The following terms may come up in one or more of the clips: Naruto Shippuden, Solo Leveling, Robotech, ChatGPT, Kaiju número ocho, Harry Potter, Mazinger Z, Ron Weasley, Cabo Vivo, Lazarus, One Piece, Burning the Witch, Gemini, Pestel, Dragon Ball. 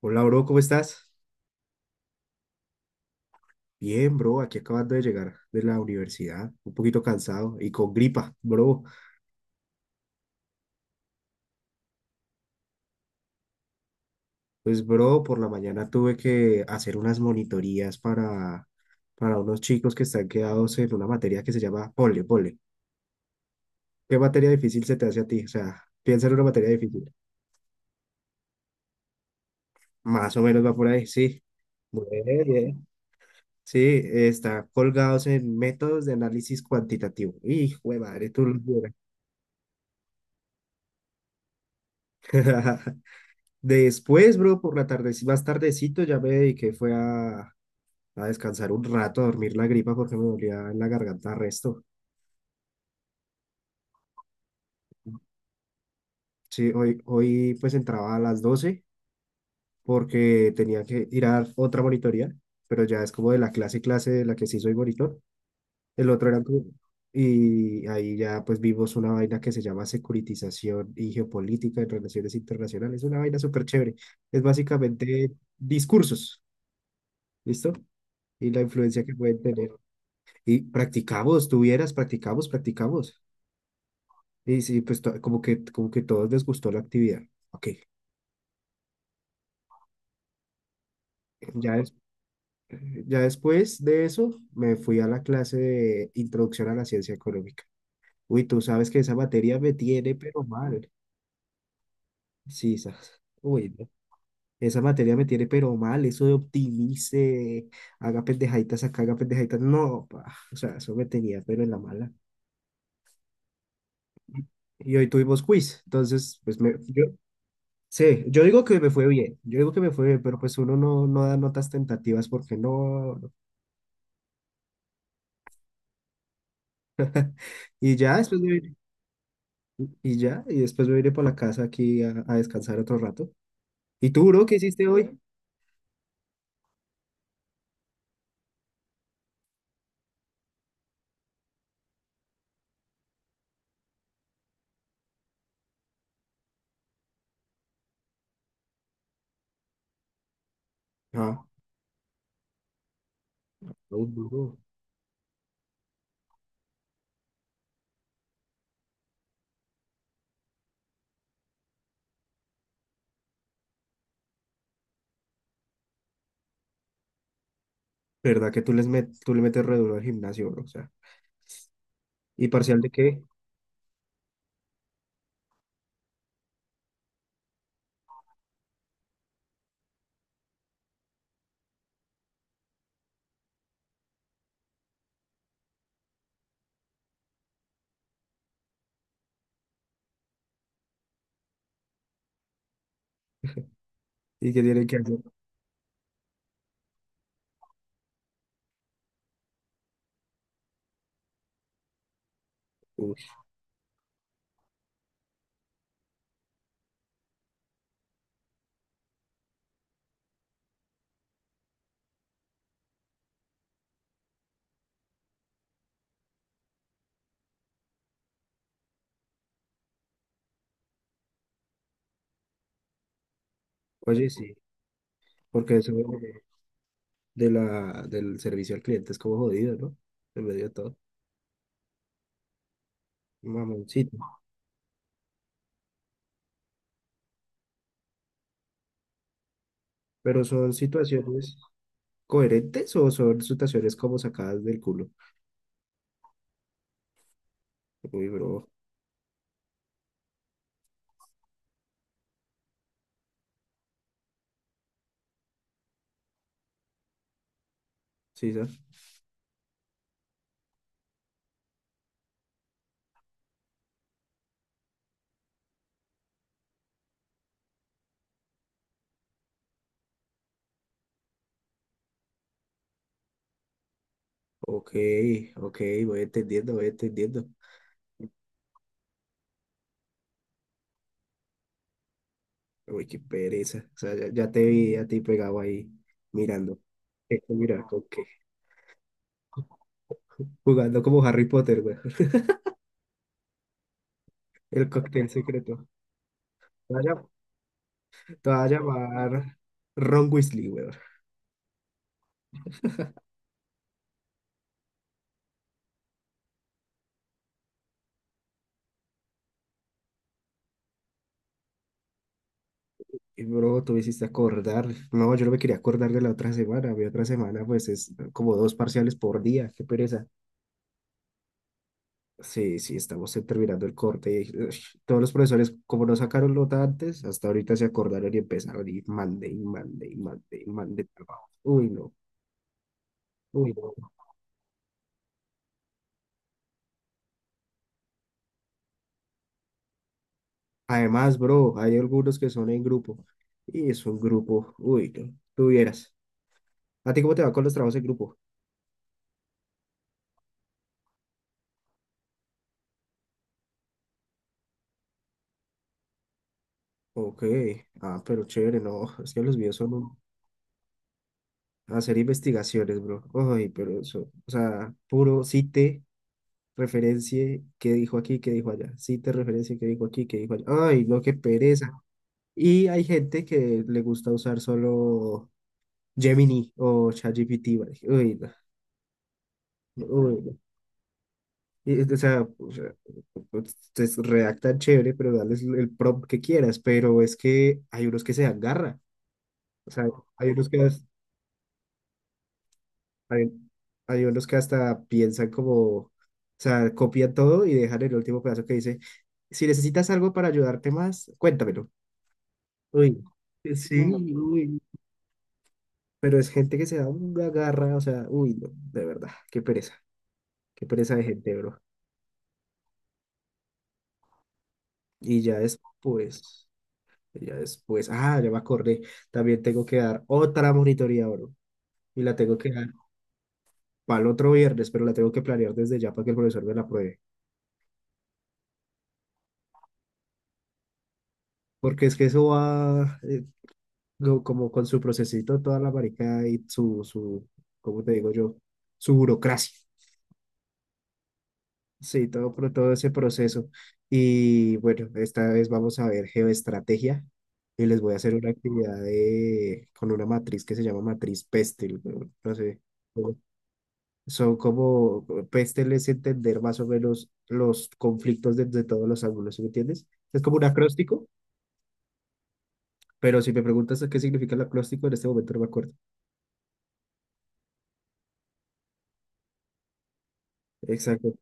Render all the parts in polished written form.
Hola, bro, ¿cómo estás? Bien, bro, aquí acabando de llegar de la universidad, un poquito cansado y con gripa, bro. Pues, bro, por la mañana tuve que hacer unas monitorías para unos chicos que están quedados en una materia que se llama pole, pole. ¿Qué materia difícil se te hace a ti? O sea, piensa en una materia difícil. Más o menos va por ahí, sí. Muy bien. Sí, está colgados en métodos de análisis cuantitativo. Hijo de madre, tú lo vieras. Después, bro, por la tarde, más tardecito ya me dediqué, fue a descansar un rato, a dormir la gripa porque me dolía en la garganta resto. Sí, hoy pues entraba a las 12 porque tenía que ir a dar otra monitoría, pero ya es como de la clase de la que sí soy monitor. El otro era como- Y ahí ya pues vimos una vaina que se llama securitización y geopolítica en relaciones internacionales. Una vaina súper chévere. Es básicamente discursos, ¿listo? Y la influencia que pueden tener. Y practicamos, tuvieras, practicamos. Y sí, pues como que todos les gustó la actividad. Ok, ya, des- ya después de eso me fui a la clase de Introducción a la Ciencia Económica. Uy, tú sabes que esa materia me tiene pero mal. Sí, esa, uy, no. Esa materia me tiene pero mal, eso de optimice, haga pendejaditas acá, haga pendejaditas, no, pa, o sea, eso me tenía pero en la mala. Y hoy tuvimos quiz, entonces, pues me, yo. Sí, yo digo que me fue bien, yo digo que me fue bien, pero pues uno no da notas tentativas porque no, no. Y ya después me iré, y ya, y después me iré por la casa aquí a descansar otro rato. ¿Y tú, bro, qué hiciste hoy? Ah, no, duro. ¿Verdad que tú tú le metes re duro al gimnasio, bro? O sea, ¿y parcial de qué? ¿Y qué tienen que hacer? Uy, oye, sí, porque eso del servicio al cliente es como jodido, ¿no? En medio de todo. Mamoncito. ¿Pero son situaciones coherentes o son situaciones como sacadas del culo? Uy, bro, sí, ¿sabes? Ok, ok, voy entendiendo, voy entendiendo. Uy, qué pereza. O sea, ya te vi a ti pegado ahí mirando. Mira, con qué. Jugando como Harry Potter, güey. El cóctel secreto. Te voy a llam- te voy a llamar Ron Weasley, güey. Y bro, tú me hiciste acordar. No, yo no me quería acordar de la otra semana. Mi otra semana, pues, es como dos parciales por día. Qué pereza. Sí, sí, estamos terminando el corte. Y, uy, todos los profesores, como no sacaron nota antes, hasta ahorita se acordaron y empezaron y mande, y mande, y mande, y mande trabajo. Uy, no, uy, no. Además, bro, hay algunos que son en grupo. Y es un grupo, uy, no. Tuvieras. ¿A ti cómo te va con los trabajos en grupo? Ok, ah, pero chévere, no. Es que los míos hacer investigaciones, bro. Ay, pero eso, o sea, puro cite referencie qué dijo aquí, qué dijo allá. Cite referencia qué dijo aquí, qué dijo allá. Ay, no, qué pereza. Y hay gente que le gusta usar solo Gemini o ChatGPT. ¿Vale? Uy, no. No, uy, no. Y, o sea, ustedes redactan chévere, pero dales el prompt que quieras, pero es que hay unos que se dan garra. O sea, hay unos que, hay, hay unos que hasta piensan como, o sea, copian todo y dejan el último pedazo que dice, si necesitas algo para ayudarte más, cuéntamelo. Uy, sí, uy, pero es gente que se da una garra, o sea, uy, no, de verdad, qué pereza de gente, bro. Y ya después, ah, ya me acordé, también tengo que dar otra monitoría, bro, y la tengo que dar para el otro viernes, pero la tengo que planear desde ya para que el profesor me la apruebe, porque es que eso va como con su procesito, toda la maricada y ¿cómo te digo yo? Su burocracia. Sí, todo, todo ese proceso. Y bueno, esta vez vamos a ver geoestrategia y les voy a hacer una actividad con una matriz que se llama matriz Pestel. No, no sé. como- Son como, Pestel es entender más o menos los conflictos desde todos los ángulos, ¿sí me entiendes? Es como un acróstico, pero si me preguntas qué significa el acróstico, en este momento no me acuerdo. Exacto.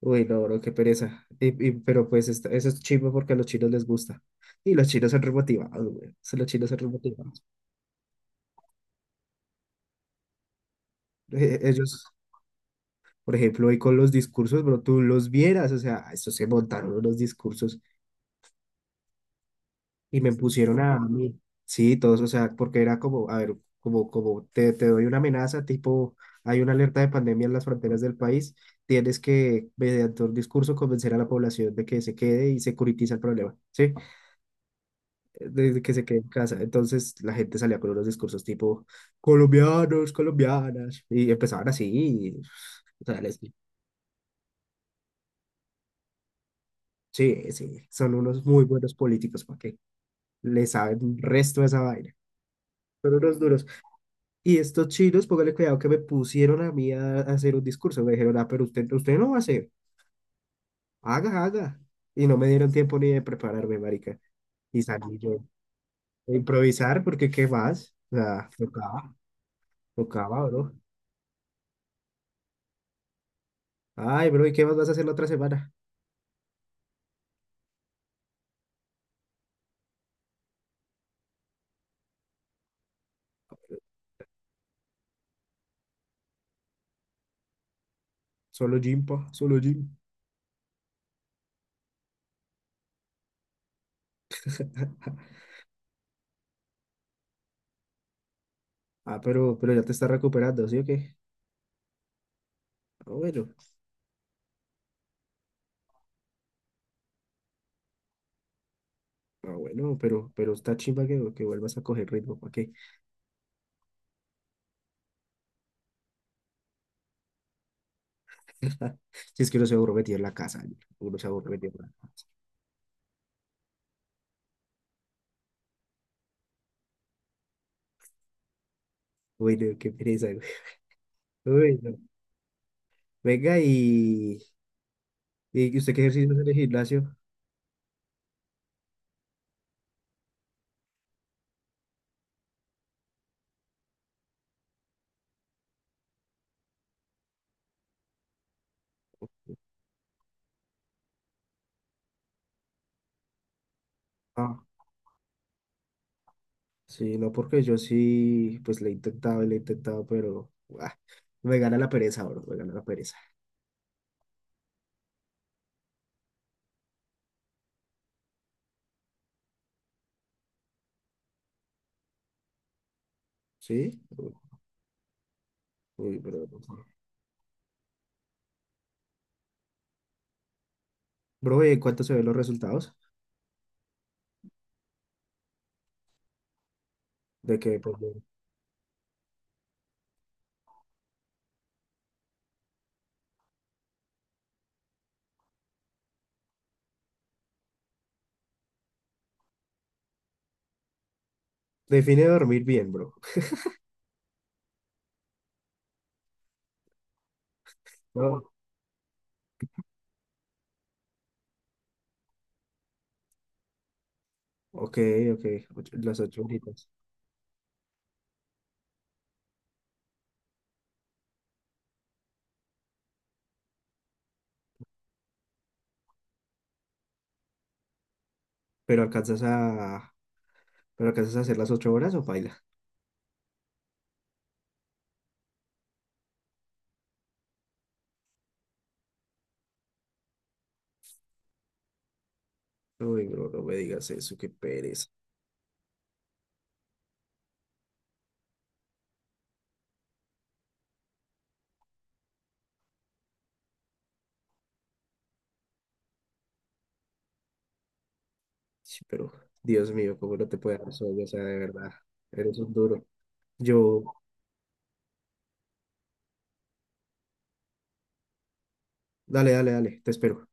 Uy, no, bro, qué pereza. Pero pues eso es chivo porque a los chinos les gusta. Y los chinos son remotivados, güey. Sí, los chinos son remotivados. Ellos, por ejemplo, hoy con los discursos, bro, tú los vieras, o sea, estos se montaron unos discursos y me pusieron a mí. Sí, todos, o sea, porque era como, a ver, como te doy una amenaza, tipo, hay una alerta de pandemia en las fronteras del país, tienes que, mediante un discurso, convencer a la población de que se quede y securitiza el problema, ¿sí? Desde que se quedó en casa. Entonces la gente salía con unos discursos tipo colombianos, colombianas, y empezaban así. Y, o sea, sí, sí, son unos muy buenos políticos, ¿para qué? Le saben resto de esa vaina. Son unos duros. Y estos chinos, póngale cuidado que me pusieron a mí a hacer un discurso. Me dijeron, ah, pero usted, usted no va a hacer. Haga, haga. Y no me dieron tiempo ni de prepararme, marica. Y salí yo a improvisar, porque ¿qué más? O sea, tocaba, tocaba, bro. Ay, bro, ¿y qué más vas a hacer la otra semana? Solo gym, pa, solo gym. Ah, pero ya te estás recuperando, ¿sí o qué? Ah, bueno. Bueno, pero está chimba que, vuelvas a coger ritmo, ¿para qué? Si es que uno se aburre metido en la casa, güey. Uno se aburre metido en la. Uy, no, qué pereza, güey. Uy, no. Venga, ¿y usted qué ejercicio hace en el gimnasio? Ah, sí, no, porque yo sí, pues le he intentado y le he intentado, pero ah, me gana la pereza, bro, me gana la pereza. ¿Sí? Uy, bro. Bro, ¿y en cuánto se ven los resultados? De que, pues. Define dormir bien, bro. No, ok, ok, las 8 horitas. Pero alcanzas a, pero alcanzas a hacer las 8 horas o baila. Uy, bro, no me digas eso, qué pereza. Sí, pero, Dios mío, cómo no te puede dar sueño, o sea, de verdad, eres un duro. Yo, dale, dale, dale, te espero.